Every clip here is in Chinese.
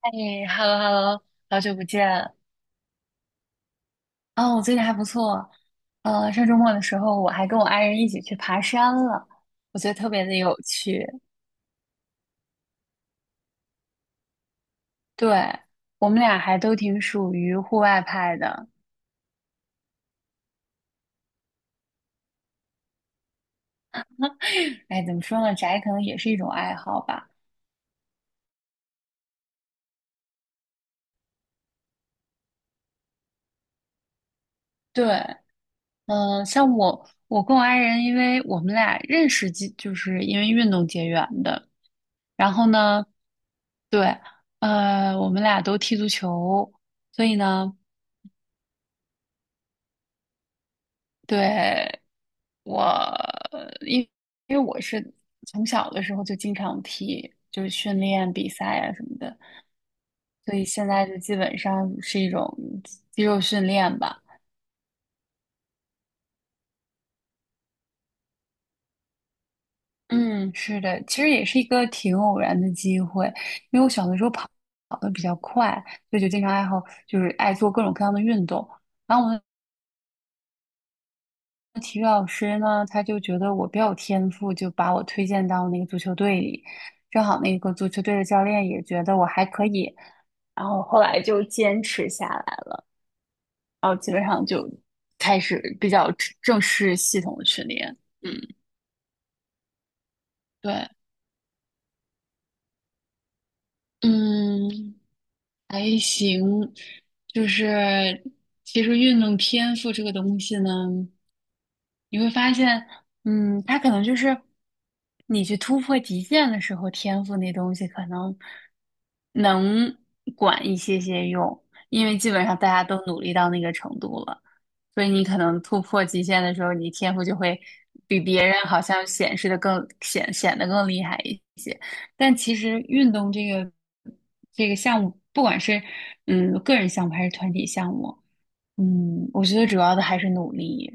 哎，hello hello，好久不见。哦，我最近还不错。上周末的时候，我还跟我爱人一起去爬山了，我觉得特别的有趣。对，我们俩还都挺属于户外派的。哎，怎么说呢，宅可能也是一种爱好吧。对，像我跟我爱人，因为我们俩认识就是因为运动结缘的。然后呢，对，我们俩都踢足球，所以呢，对。我因因为我是从小的时候就经常踢，就是训练比赛啊什么的，所以现在就基本上是一种肌肉训练吧。嗯，是的，其实也是一个挺偶然的机会，因为我小的时候跑的比较快，所以就经常爱好就是爱做各种各样的运动。然后我们的体育老师呢，他就觉得我比较有天赋，就把我推荐到那个足球队里。正好那个足球队的教练也觉得我还可以，然后后来就坚持下来了，然后基本上就开始比较正式系统的训练。嗯，对，嗯，还行，就是其实运动天赋这个东西呢，你会发现，它可能就是你去突破极限的时候，天赋那东西可能能管一些些用，因为基本上大家都努力到那个程度了，所以你可能突破极限的时候，你天赋就会比别人好像显示的更显显得更厉害一些。但其实运动这个项目，不管是个人项目还是团体项目，我觉得主要的还是努力，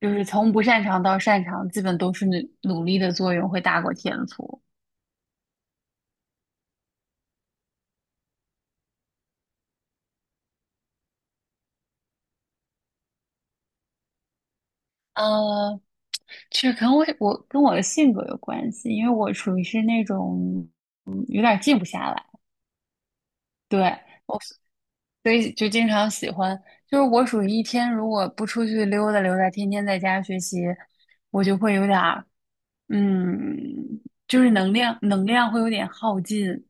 就是从不擅长到擅长，基本都是努力的作用会大过天赋。呃，其实可能我跟我的性格有关系，因为我属于是那种有点静不下来，对。所以就经常喜欢，就是我属于一天如果不出去溜达溜达，天天在家学习，我就会有点儿，嗯，就是能量会有点耗尽，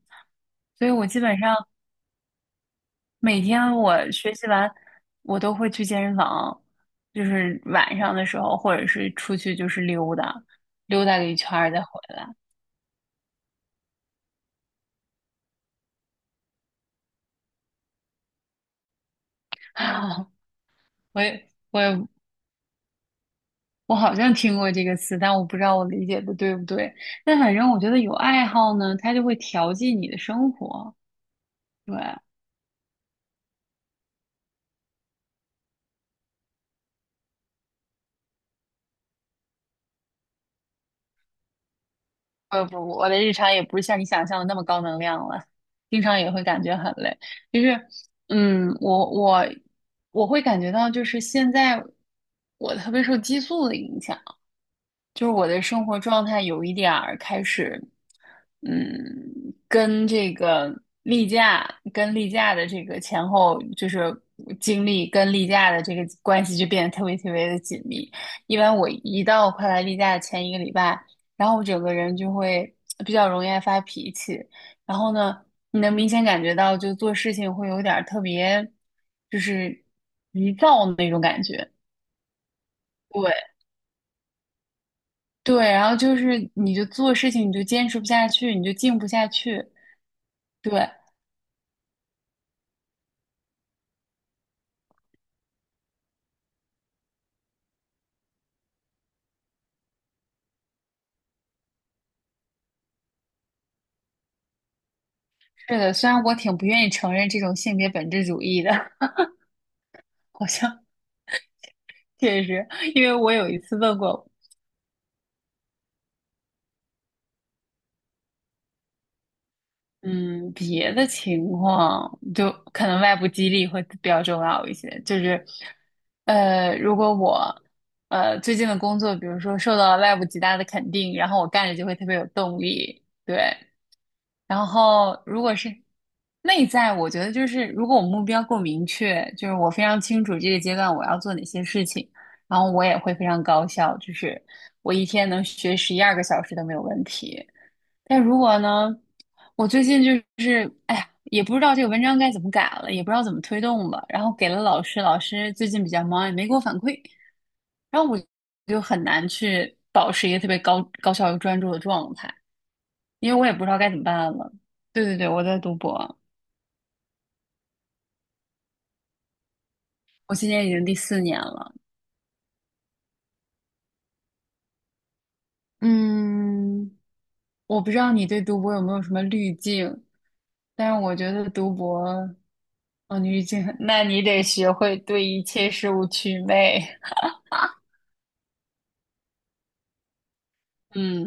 所以我基本上每天我学习完，我都会去健身房，就是晚上的时候，或者是出去就是溜达，溜达个一圈儿再回来。我也我也我好像听过这个词，但我不知道我理解的对不对。但反正我觉得有爱好呢，它就会调剂你的生活。对，不不，我的日常也不是像你想象的那么高能量了，经常也会感觉很累。就是，嗯，我我我会感觉到，就是现在我特别受激素的影响。就是我的生活状态有一点儿开始，嗯，跟这个例假、跟例假的这个前后，就是经历跟例假的这个关系就变得特别特别的紧密。一般我一到快来例假的前一个礼拜，然后我整个人就会比较容易爱发脾气，然后呢，你能明显感觉到就做事情会有点儿特别，就是急躁那种感觉。对，对，然后就是你就做事情你就坚持不下去，你就静不下去。对，是的，虽然我挺不愿意承认这种性别本质主义的，好像确实，因为我有一次问过，嗯，别的情况就可能外部激励会比较重要一些，就是，如果我最近的工作，比如说受到了外部极大的肯定，然后我干着就会特别有动力，对，然后如果是内在，我觉得就是如果我目标够明确，就是我非常清楚这个阶段我要做哪些事情，然后我也会非常高效，就是我一天能学11、12个小时都没有问题。但如果呢，我最近就是哎呀，也不知道这个文章该怎么改了，也不知道怎么推动了，然后给了老师，老师最近比较忙，也没给我反馈，然后我就很难去保持一个特别高效又专注的状态。因为我也不知道该怎么办了。对对对，我在读博，我今年已经第4年了。嗯，我不知道你对读博有没有什么滤镜，但是我觉得读博，哦，滤镜，那你得学会对一切事物祛魅 嗯，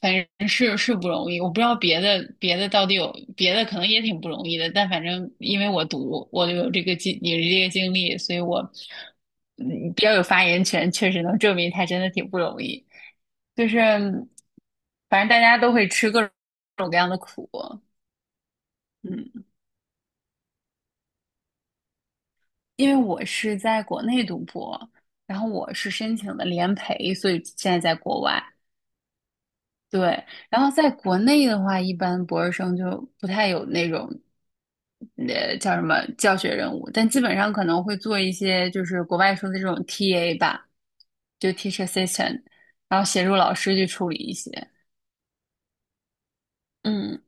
反正是不容易，我不知道别的到底有别的可能也挺不容易的，但反正因为我有这个经历，所以我比较有发言权，确实能证明它真的挺不容易。就是反正大家都会吃各种各样的苦，嗯，因为我是在国内读博，然后我是申请的联培，所以现在在国外。对，然后在国内的话，一般博士生就不太有那种，叫什么教学任务，但基本上可能会做一些就是国外说的这种 TA 吧，就 teacher assistant,然后协助老师去处理一些。嗯，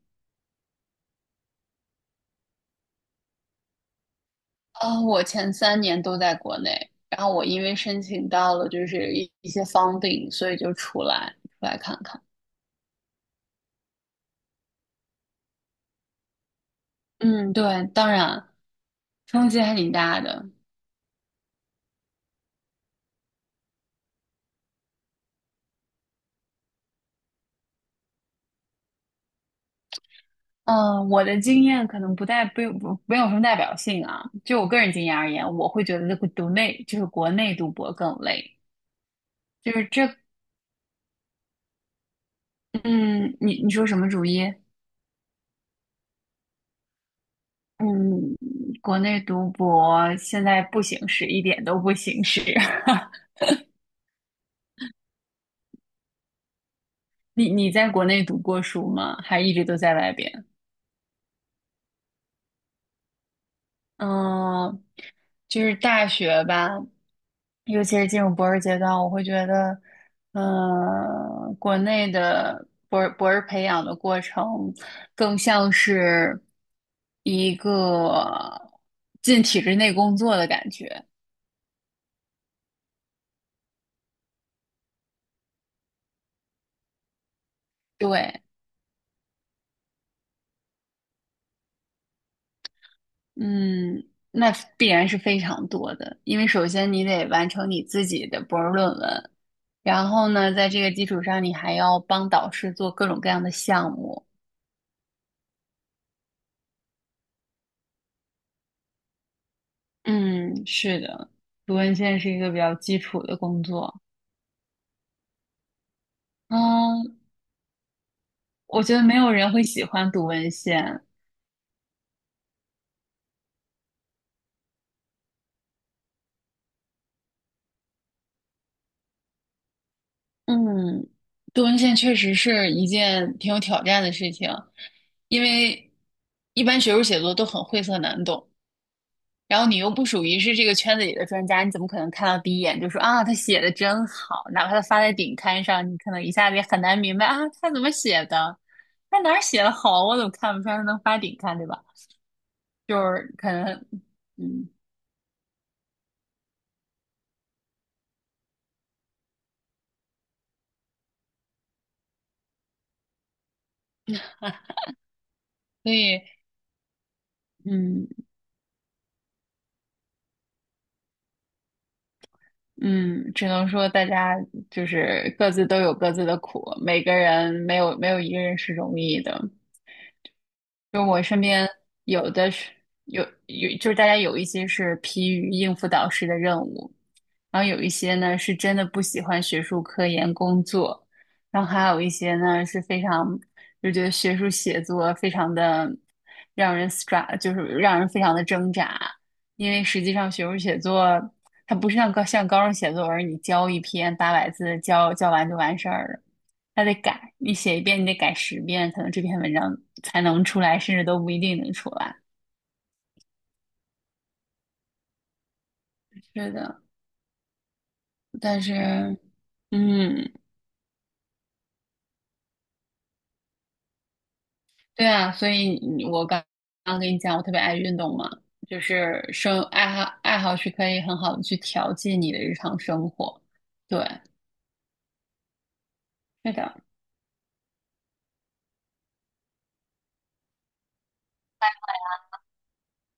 我前3年都在国内，然后我因为申请到了就是一些 funding,所以就出来看看。嗯，对，当然冲击还挺大的。嗯，我的经验可能不代不不没有什么代表性啊。就我个人经验而言，我会觉得这个就是国内读博更累。就是这，嗯，你说什么主意？嗯，国内读博现在不行使，一点都不行使。你在国内读过书吗？还一直都在外边？嗯，就是大学吧，尤其是进入博士阶段，我会觉得，国内的博士培养的过程更像是一个进体制内工作的感觉。对，嗯，那必然是非常多的，因为首先你得完成你自己的博士论文，然后呢，在这个基础上，你还要帮导师做各种各样的项目。嗯，是的，读文献是一个比较基础的工作。嗯，我觉得没有人会喜欢读文献。嗯，读文献确实是一件挺有挑战的事情，因为一般学术写作都很晦涩难懂。然后你又不属于是这个圈子里的专家，你怎么可能看到第一眼就说啊，他写的真好？哪怕他发在顶刊上，你可能一下子也很难明白啊，他怎么写的？他哪儿写的好？我怎么看不出来他能发顶刊，对吧？就是可能，嗯，所以，嗯嗯，只能说大家就是各自都有各自的苦，每个人没有没有一个人是容易的。就我身边有的是就是大家有一些是疲于应付导师的任务，然后有一些呢是真的不喜欢学术科研工作，然后还有一些呢是非常就觉得学术写作非常的让人 stra，就是让人非常的挣扎，因为实际上学术写作它不是像高中写作文儿，你交一篇800字交完就完事儿了。他得改，你写一遍，你得改10遍，可能这篇文章才能出来，甚至都不一定能出来。是的，但是，嗯，对啊，所以我刚刚跟你讲，我特别爱运动嘛，就是爱好是可以很好的去调剂你的日常生活。对，是的。